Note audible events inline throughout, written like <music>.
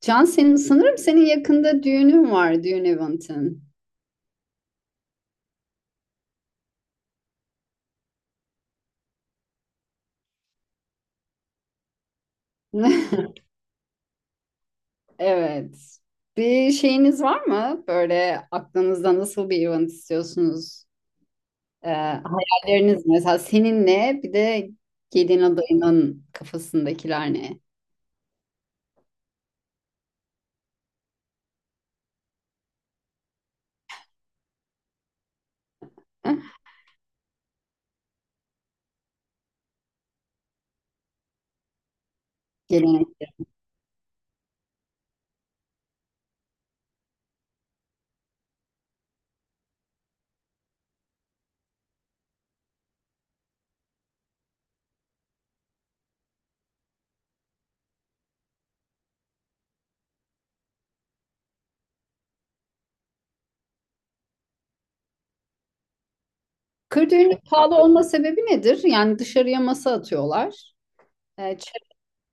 Can senin sanırım senin yakında düğünün var, düğün eventin. <laughs> Evet. Bir şeyiniz var mı? Böyle aklınızda nasıl bir event istiyorsunuz? Hayalleriniz mesela senin ne? Bir de gelin adayının kafasındakiler ne? <laughs> Gelenek. Kır düğünü pahalı olma sebebi nedir? Yani dışarıya masa atıyorlar. Ee, çe-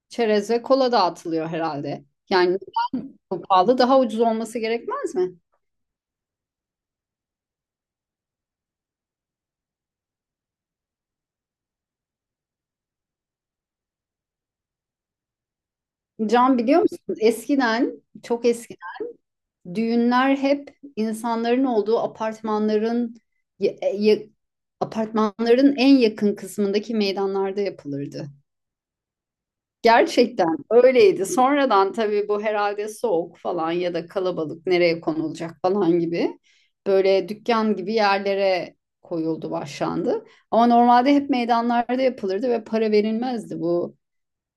Çerez ve kola dağıtılıyor herhalde. Yani neden bu pahalı, daha ucuz olması gerekmez mi? Can biliyor musun? Eskiden, çok eskiden düğünler hep insanların olduğu apartmanların ya- ya- apartmanların en yakın kısmındaki meydanlarda yapılırdı. Gerçekten öyleydi. Sonradan tabii bu herhalde soğuk falan ya da kalabalık nereye konulacak falan gibi böyle dükkan gibi yerlere koyuldu, başlandı. Ama normalde hep meydanlarda yapılırdı ve para verilmezdi bu.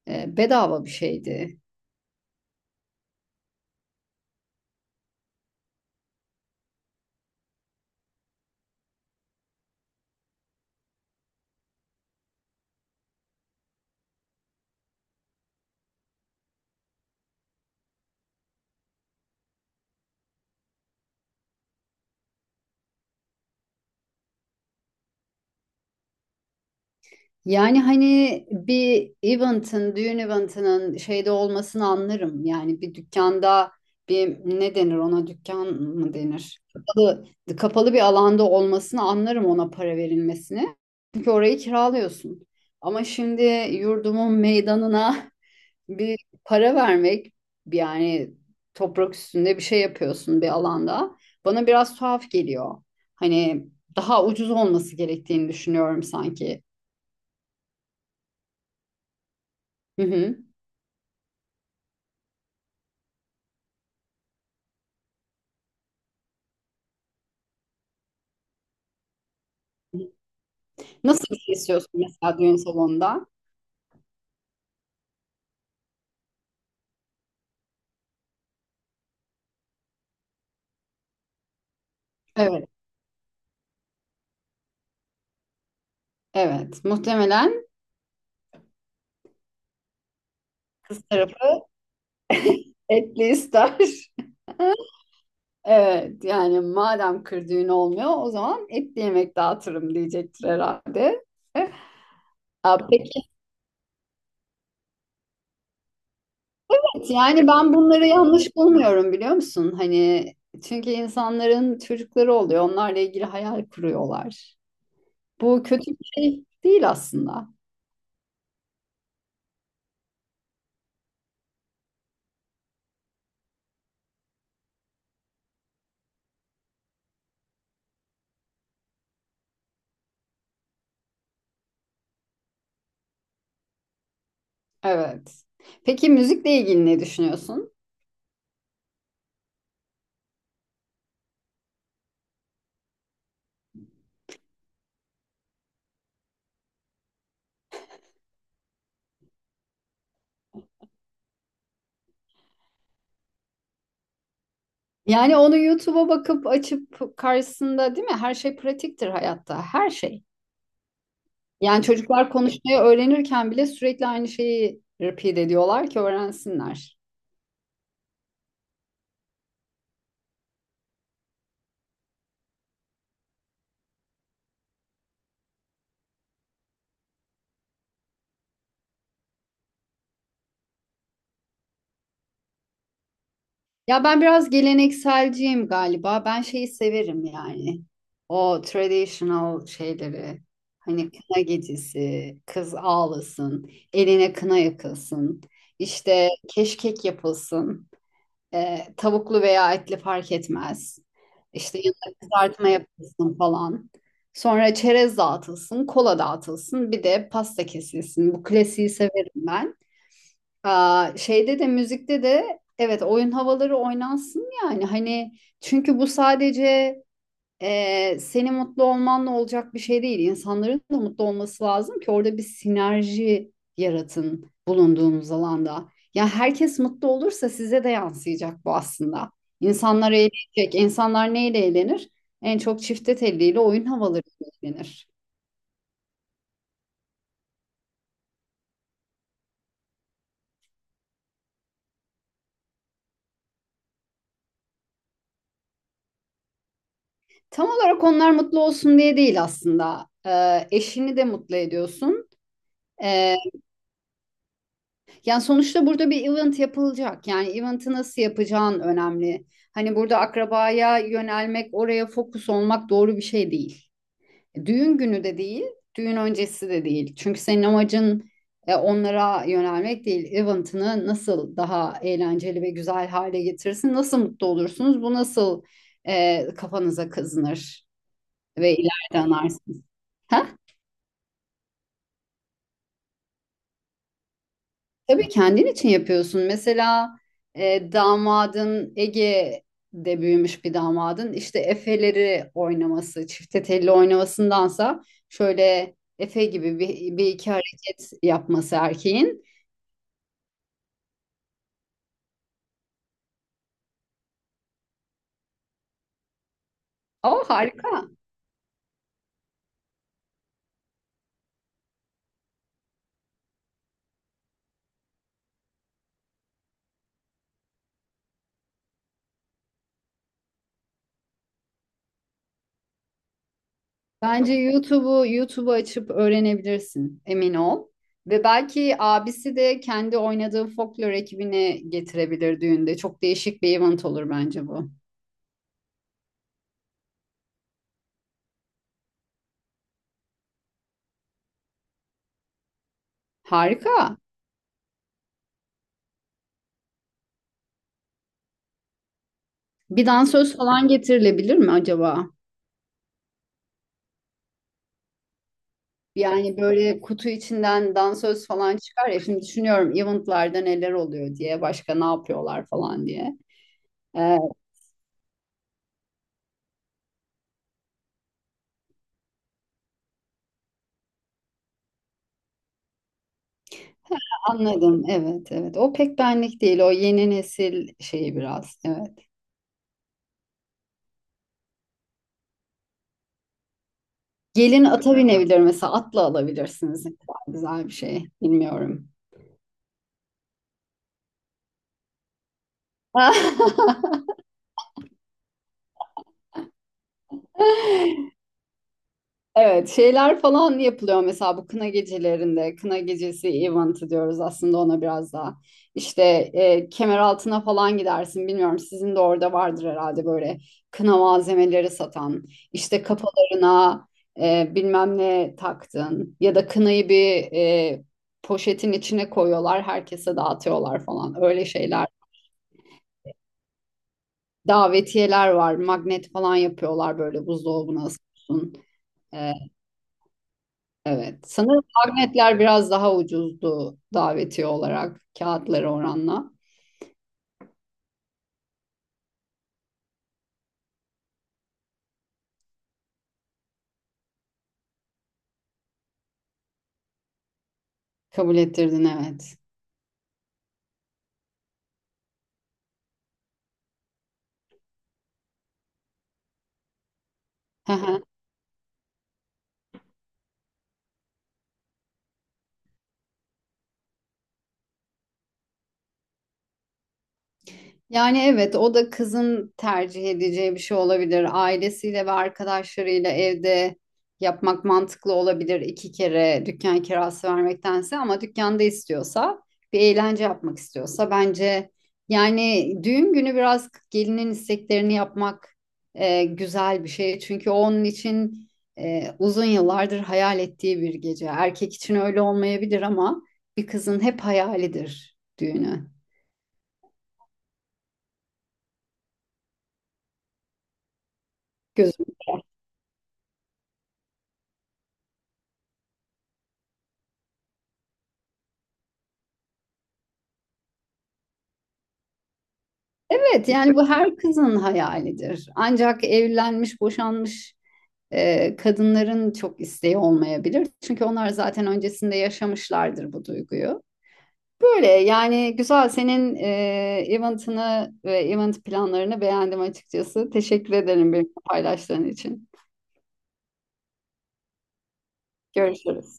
E, bedava bir şeydi. Yani hani bir event'ın, düğün event'ının şeyde olmasını anlarım. Yani bir dükkanda bir ne denir ona, dükkan mı denir? Kapalı, kapalı bir alanda olmasını anlarım, ona para verilmesini. Çünkü orayı kiralıyorsun. Ama şimdi yurdumun meydanına <laughs> bir para vermek, yani toprak üstünde bir şey yapıyorsun bir alanda. Bana biraz tuhaf geliyor. Hani daha ucuz olması gerektiğini düşünüyorum sanki. Hı hı. Nasıl bir şey istiyorsun mesela düğün salonunda? Evet, evet. Muhtemelen kız tarafı etli ister. <laughs> Evet, yani madem kır düğünü olmuyor, o zaman etli yemek dağıtırım diyecektir herhalde. Ya peki evet, yani ben bunları yanlış bulmuyorum biliyor musun? Hani çünkü insanların çocukları oluyor. Onlarla ilgili hayal kuruyorlar. Bu kötü bir şey değil aslında. Evet. Peki müzikle ilgili ne düşünüyorsun? Yani onu YouTube'a bakıp açıp karşısında, değil mi? Her şey pratiktir hayatta. Her şey. Yani çocuklar konuşmayı öğrenirken bile sürekli aynı şeyi repeat ediyorlar ki öğrensinler. Ya ben biraz gelenekselciyim galiba. Ben şeyi severim yani. O traditional şeyleri. Hani kına gecesi, kız ağlasın, eline kına yakılsın, işte keşkek yapılsın. E, tavuklu veya etli fark etmez. İşte yanına kızartma yapılsın falan. Sonra çerez dağıtılsın, kola dağıtılsın, bir de pasta kesilsin. Bu klasiği severim ben. Aa, şeyde de, müzikte de evet, oyun havaları oynansın yani. Hani çünkü bu sadece senin mutlu olmanla olacak bir şey değil. İnsanların da mutlu olması lazım ki orada bir sinerji yaratın bulunduğunuz alanda. Ya herkes mutlu olursa size de yansıyacak bu aslında. İnsanlar eğlenecek. İnsanlar neyle eğlenir? En çok çifte telliyle, oyun havalarıyla eğlenir. Tam olarak onlar mutlu olsun diye değil aslında. Eşini de mutlu ediyorsun. Yani sonuçta burada bir event yapılacak. Yani event'i nasıl yapacağın önemli. Hani burada akrabaya yönelmek, oraya fokus olmak doğru bir şey değil. Düğün günü de değil, düğün öncesi de değil. Çünkü senin amacın onlara yönelmek değil. Event'ını nasıl daha eğlenceli ve güzel hale getirirsin, nasıl mutlu olursunuz, bu nasıl kafanıza kazınır ve ileride anarsınız. Ha? Tabii kendin için yapıyorsun. Mesela damadın, Ege'de büyümüş bir damadın, işte Efe'leri oynaması, çifte telli oynamasındansa şöyle Efe gibi bir, bir iki hareket yapması erkeğin. O harika. Bence YouTube'u açıp öğrenebilirsin. Emin ol. Ve belki abisi de kendi oynadığı folklor ekibini getirebilir düğünde. Çok değişik bir event olur bence bu. Harika. Bir dansöz falan getirilebilir mi acaba? Yani böyle kutu içinden dansöz falan çıkar ya. Şimdi düşünüyorum eventlarda neler oluyor diye, başka ne yapıyorlar falan diye. Ee, Anladım. Evet, evet. O pek benlik değil. O yeni nesil şeyi biraz. Evet. Gelin ata binebilir mesela. Atla alabilirsiniz. Ne kadar güzel bir şey. Bilmiyorum. <laughs> Evet, şeyler falan yapılıyor mesela bu kına gecelerinde. Kına gecesi event'ı diyoruz aslında ona biraz daha. İşte Kemeraltı'na falan gidersin. Bilmiyorum, sizin de orada vardır herhalde böyle kına malzemeleri satan. İşte kafalarına bilmem ne taktın ya da kınayı bir poşetin içine koyuyorlar, herkese dağıtıyorlar falan. Öyle şeyler. Davetiyeler var, magnet falan yapıyorlar, böyle buzdolabına asıyorsun. Evet. Sanırım magnetler biraz daha ucuzdu davetiye olarak, kağıtları oranla. Kabul ettirdin, evet. <laughs> Yani evet, o da kızın tercih edeceği bir şey olabilir. Ailesiyle ve arkadaşlarıyla evde yapmak mantıklı olabilir, iki kere dükkan kirası vermektense. Ama dükkanda istiyorsa, bir eğlence yapmak istiyorsa bence, yani düğün günü biraz gelinin isteklerini yapmak güzel bir şey. Çünkü o onun için uzun yıllardır hayal ettiği bir gece. Erkek için öyle olmayabilir ama bir kızın hep hayalidir düğünü. Evet yani bu her kızın hayalidir. Ancak evlenmiş, boşanmış kadınların çok isteği olmayabilir. Çünkü onlar zaten öncesinde yaşamışlardır bu duyguyu. Böyle yani güzel, senin eventini ve event planlarını beğendim açıkçası. Teşekkür ederim benimle paylaştığın için. Görüşürüz.